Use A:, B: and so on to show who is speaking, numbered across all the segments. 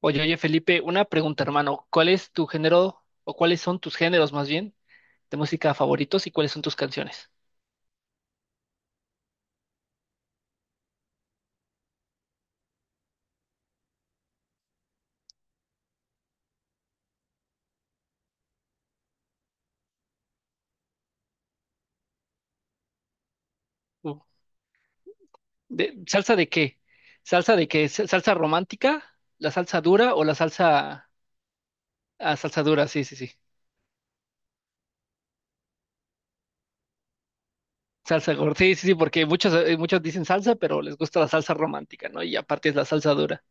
A: Oye, oye, Felipe, una pregunta, hermano. ¿Cuál es tu género, o cuáles son tus géneros más bien, de música favoritos y cuáles son tus canciones? Uh, ¿Salsa de qué? ¿Salsa de qué? ¿Salsa romántica? ¿La salsa dura o la salsa... Ah, salsa dura, sí, sí, sí. Salsa gorda, sí, sí, sí, porque muchos, muchos dicen salsa, pero les gusta la salsa romántica, ¿no? Y aparte es la salsa dura.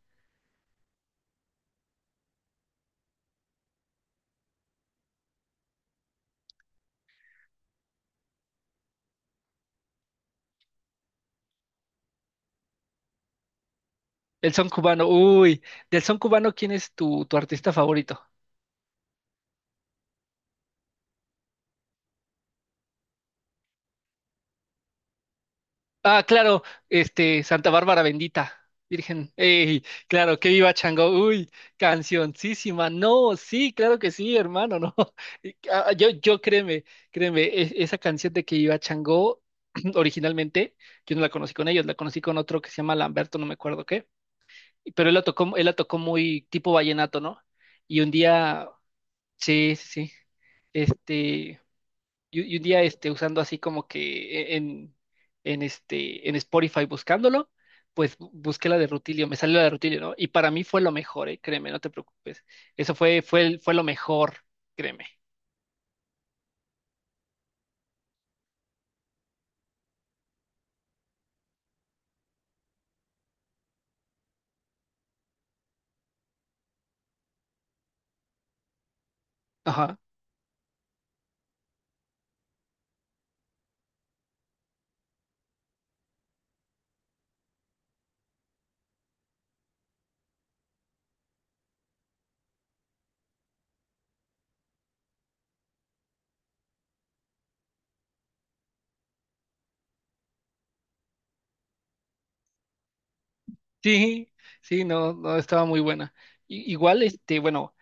A: El son cubano, uy. Del son cubano, ¿quién es tu artista favorito? Ah, claro, este, Santa Bárbara bendita, Virgen. Ey, claro, que viva Chango. Uy, cancioncísima. No, sí, claro que sí, hermano, no. Yo créeme, créeme, esa canción de que viva Chango, originalmente, yo no la conocí con ellos, la conocí con otro que se llama Lamberto, no me acuerdo qué, pero él la tocó muy tipo vallenato, ¿no? Y un día, sí, sí, sí, este, y un día usando así como que en Spotify buscándolo, pues busqué la de Rutilio, me salió la de Rutilio, ¿no? Y para mí fue lo mejor, ¿eh? Créeme, no te preocupes. Eso fue lo mejor, créeme. Ajá. Sí, sí, no, no estaba muy buena. Igual, este, bueno,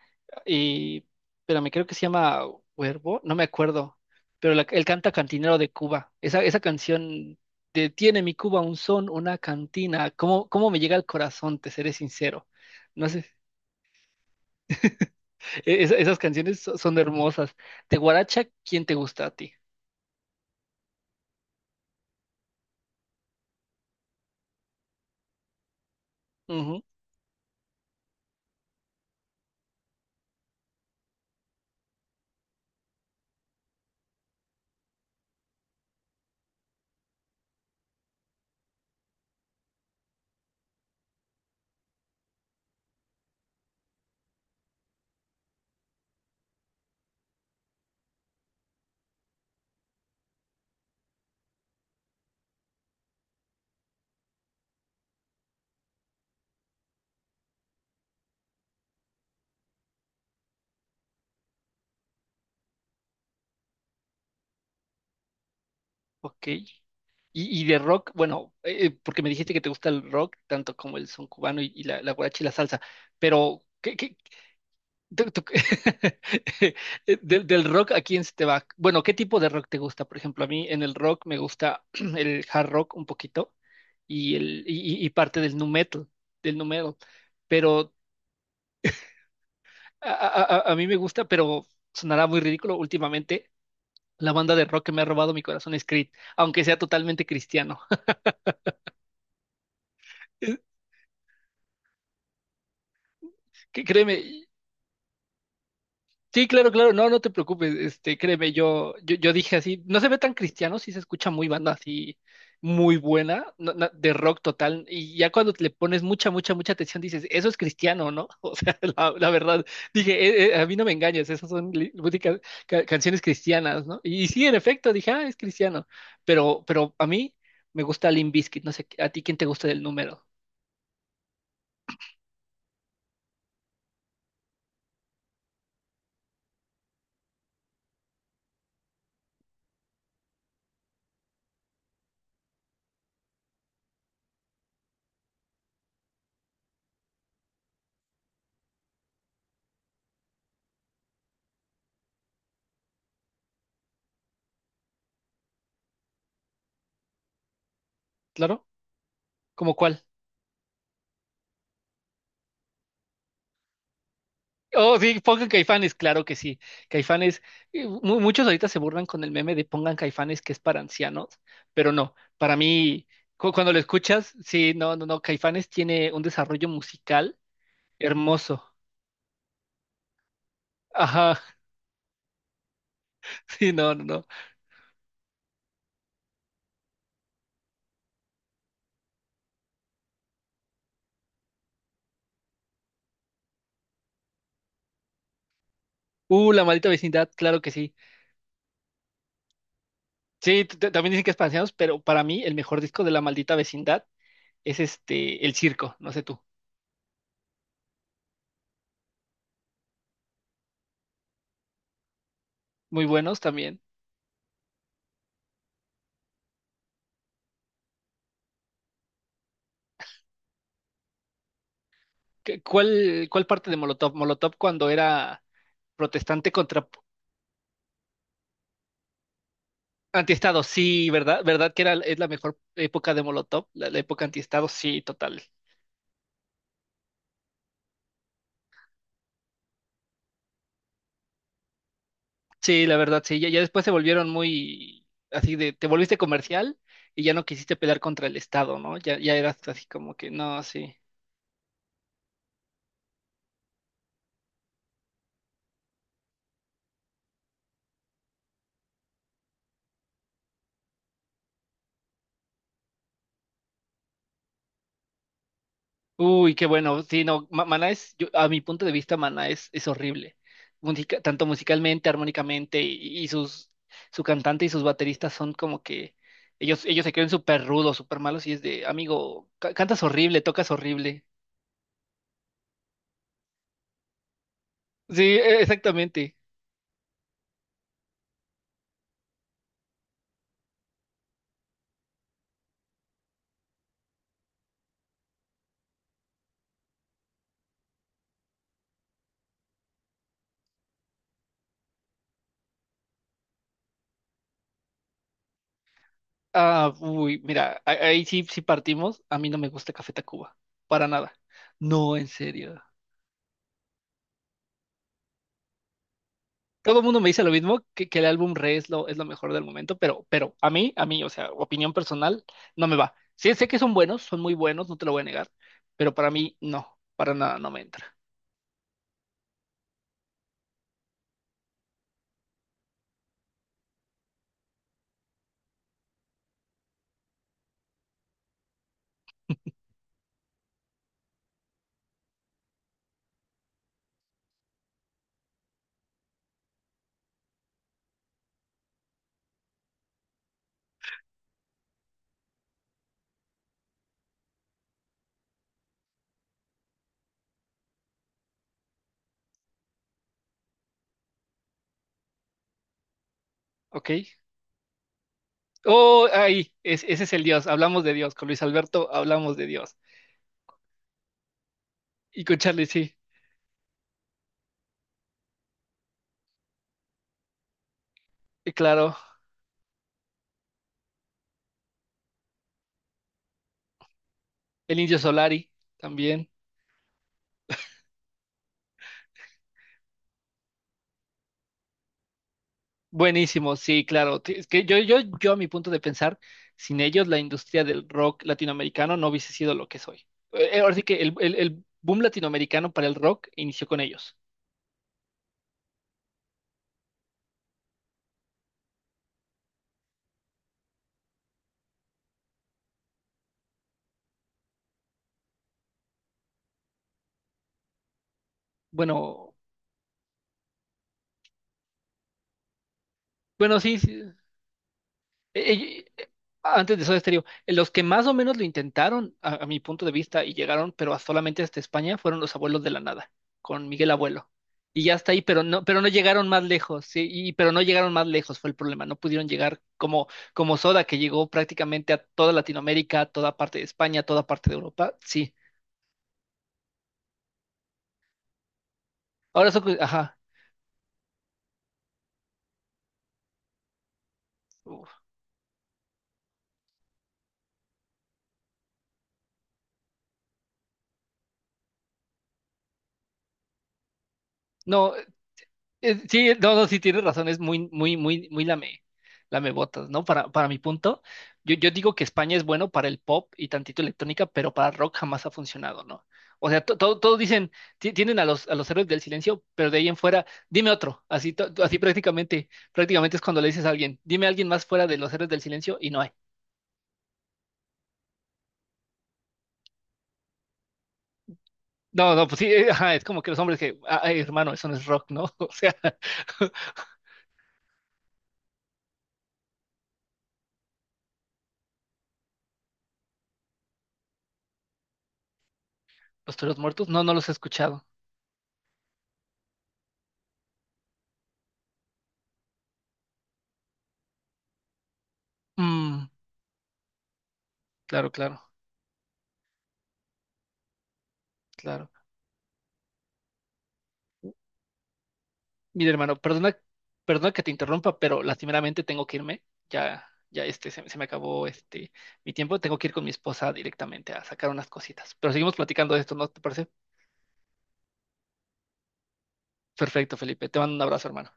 A: y, espérame, creo que se llama Huervo, no me acuerdo, pero él canta Cantinero de Cuba. Esa canción de Tiene mi Cuba un son, una cantina. ¿Cómo, cómo me llega al corazón, te seré sincero? No sé, esas canciones son hermosas. De Guaracha, ¿quién te gusta a ti? Ujú, ok. Y de rock, bueno, porque me dijiste que te gusta el rock, tanto como el son cubano y la guaracha y la salsa, pero tú- tú- del, del rock a quién se te va? Bueno, ¿qué tipo de rock te gusta? Por ejemplo, a mí en el rock me gusta el hard rock un poquito y parte del nu metal, del nu metal, pero a mí me gusta, pero sonará muy ridículo últimamente, la banda de rock que me ha robado mi corazón es Creed, aunque sea totalmente cristiano. Que créeme, sí, claro, claro, no, no te preocupes, este, créeme, yo dije así, no se ve tan cristiano, sí se escucha muy banda así, muy buena, no, de rock total, y ya cuando le pones mucha, mucha, mucha atención dices, eso es cristiano, ¿no? O sea, la verdad, dije, " a mí no me engañes, esas son canciones cristianas, ¿no? Y, sí, en efecto, dije, ah, es cristiano, pero a mí me gusta Limp Bizkit, no sé, ¿a ti quién te gusta del número? ¿Claro? ¿Cómo cuál? Oh, sí, pongan Caifanes, claro que sí. Caifanes, muchos ahorita se burlan con el meme de pongan Caifanes que es para ancianos, pero no, para mí, cuando lo escuchas, sí, no, no, no, Caifanes tiene un desarrollo musical hermoso. Ajá, sí, no, no, no. La Maldita Vecindad, claro que sí. Sí, también dicen que es para ancianos, pero para mí el mejor disco de La Maldita Vecindad es este, El Circo, no sé tú. Muy buenos también. ¿ Cuál parte de Molotov? Molotov cuando era protestante contra antiestado, sí, ¿verdad? ¿Verdad que era, es la mejor época de Molotov? La época antiestado, sí, total. Sí, la verdad, sí. Ya después se volvieron muy así de, te volviste comercial y ya no quisiste pelear contra el Estado, ¿no? Ya eras así como que, no, sí. Uy, qué bueno. Sí, no, Maná es, a mi punto de vista, Maná es horrible. Tanto musicalmente, armónicamente, y sus, su cantante y sus bateristas son como que ellos se creen súper rudos, súper malos, y es de, amigo, cantas horrible, tocas horrible. Sí, exactamente. Ah, uy, mira, ahí sí, sí partimos. A mí no me gusta Café Tacuba, para nada. No, en serio. Todo el mundo me dice lo mismo, que el álbum Re es lo mejor del momento, pero a mí, o sea, opinión personal, no me va. Sí, sé que son buenos, son muy buenos, no te lo voy a negar, pero para mí no, para nada no me entra. ¿Ok? Oh, ahí, ese es el Dios. Hablamos de Dios. Con Luis Alberto hablamos de Dios. Y con Charlie, sí, y claro. El Indio Solari también. Buenísimo, sí, claro. T- Es que Yo, a mi punto de pensar, sin ellos la industria del rock latinoamericano no hubiese sido lo que soy. Ahora sí que el boom latinoamericano para el rock inició con ellos. Bueno, bueno, sí, sí, Eh, eh, eh, Antes de Soda Stereo, los que más o menos lo intentaron, a mi punto de vista, y llegaron, pero solamente hasta España, fueron los Abuelos de la Nada, con Miguel Abuelo. Y ya está ahí, pero no llegaron más lejos, sí, y, pero no llegaron más lejos, fue el problema. No pudieron llegar como, como Soda, que llegó prácticamente a toda Latinoamérica, a toda parte de España, a toda parte de Europa, sí. Ahora eso, pues, ajá. Uf. No, sí, no, no, sí tienes razón, es muy, muy, muy, muy lame, lamebotas, ¿no? Para mi punto, yo digo que España es bueno para el pop y tantito electrónica, pero para rock jamás ha funcionado, ¿no? O sea, todos dicen, tienen a los héroes del silencio, pero de ahí en fuera, dime otro, así, así prácticamente, prácticamente es cuando le dices a alguien, dime a alguien más fuera de los héroes del silencio y no hay. No, no, pues sí, ajá, es como que los hombres que, "Ah, ay, hermano, eso no es rock, ¿no? O sea, los toros muertos, no, no los he escuchado. Mm, claro, claro, claro. Mira, hermano, perdona, perdona que te interrumpa, pero lastimeramente tengo que irme. Se me acabó este mi tiempo. Tengo que ir con mi esposa directamente a sacar unas cositas. Pero seguimos platicando de esto, ¿no te parece? Perfecto, Felipe. Te mando un abrazo, hermano.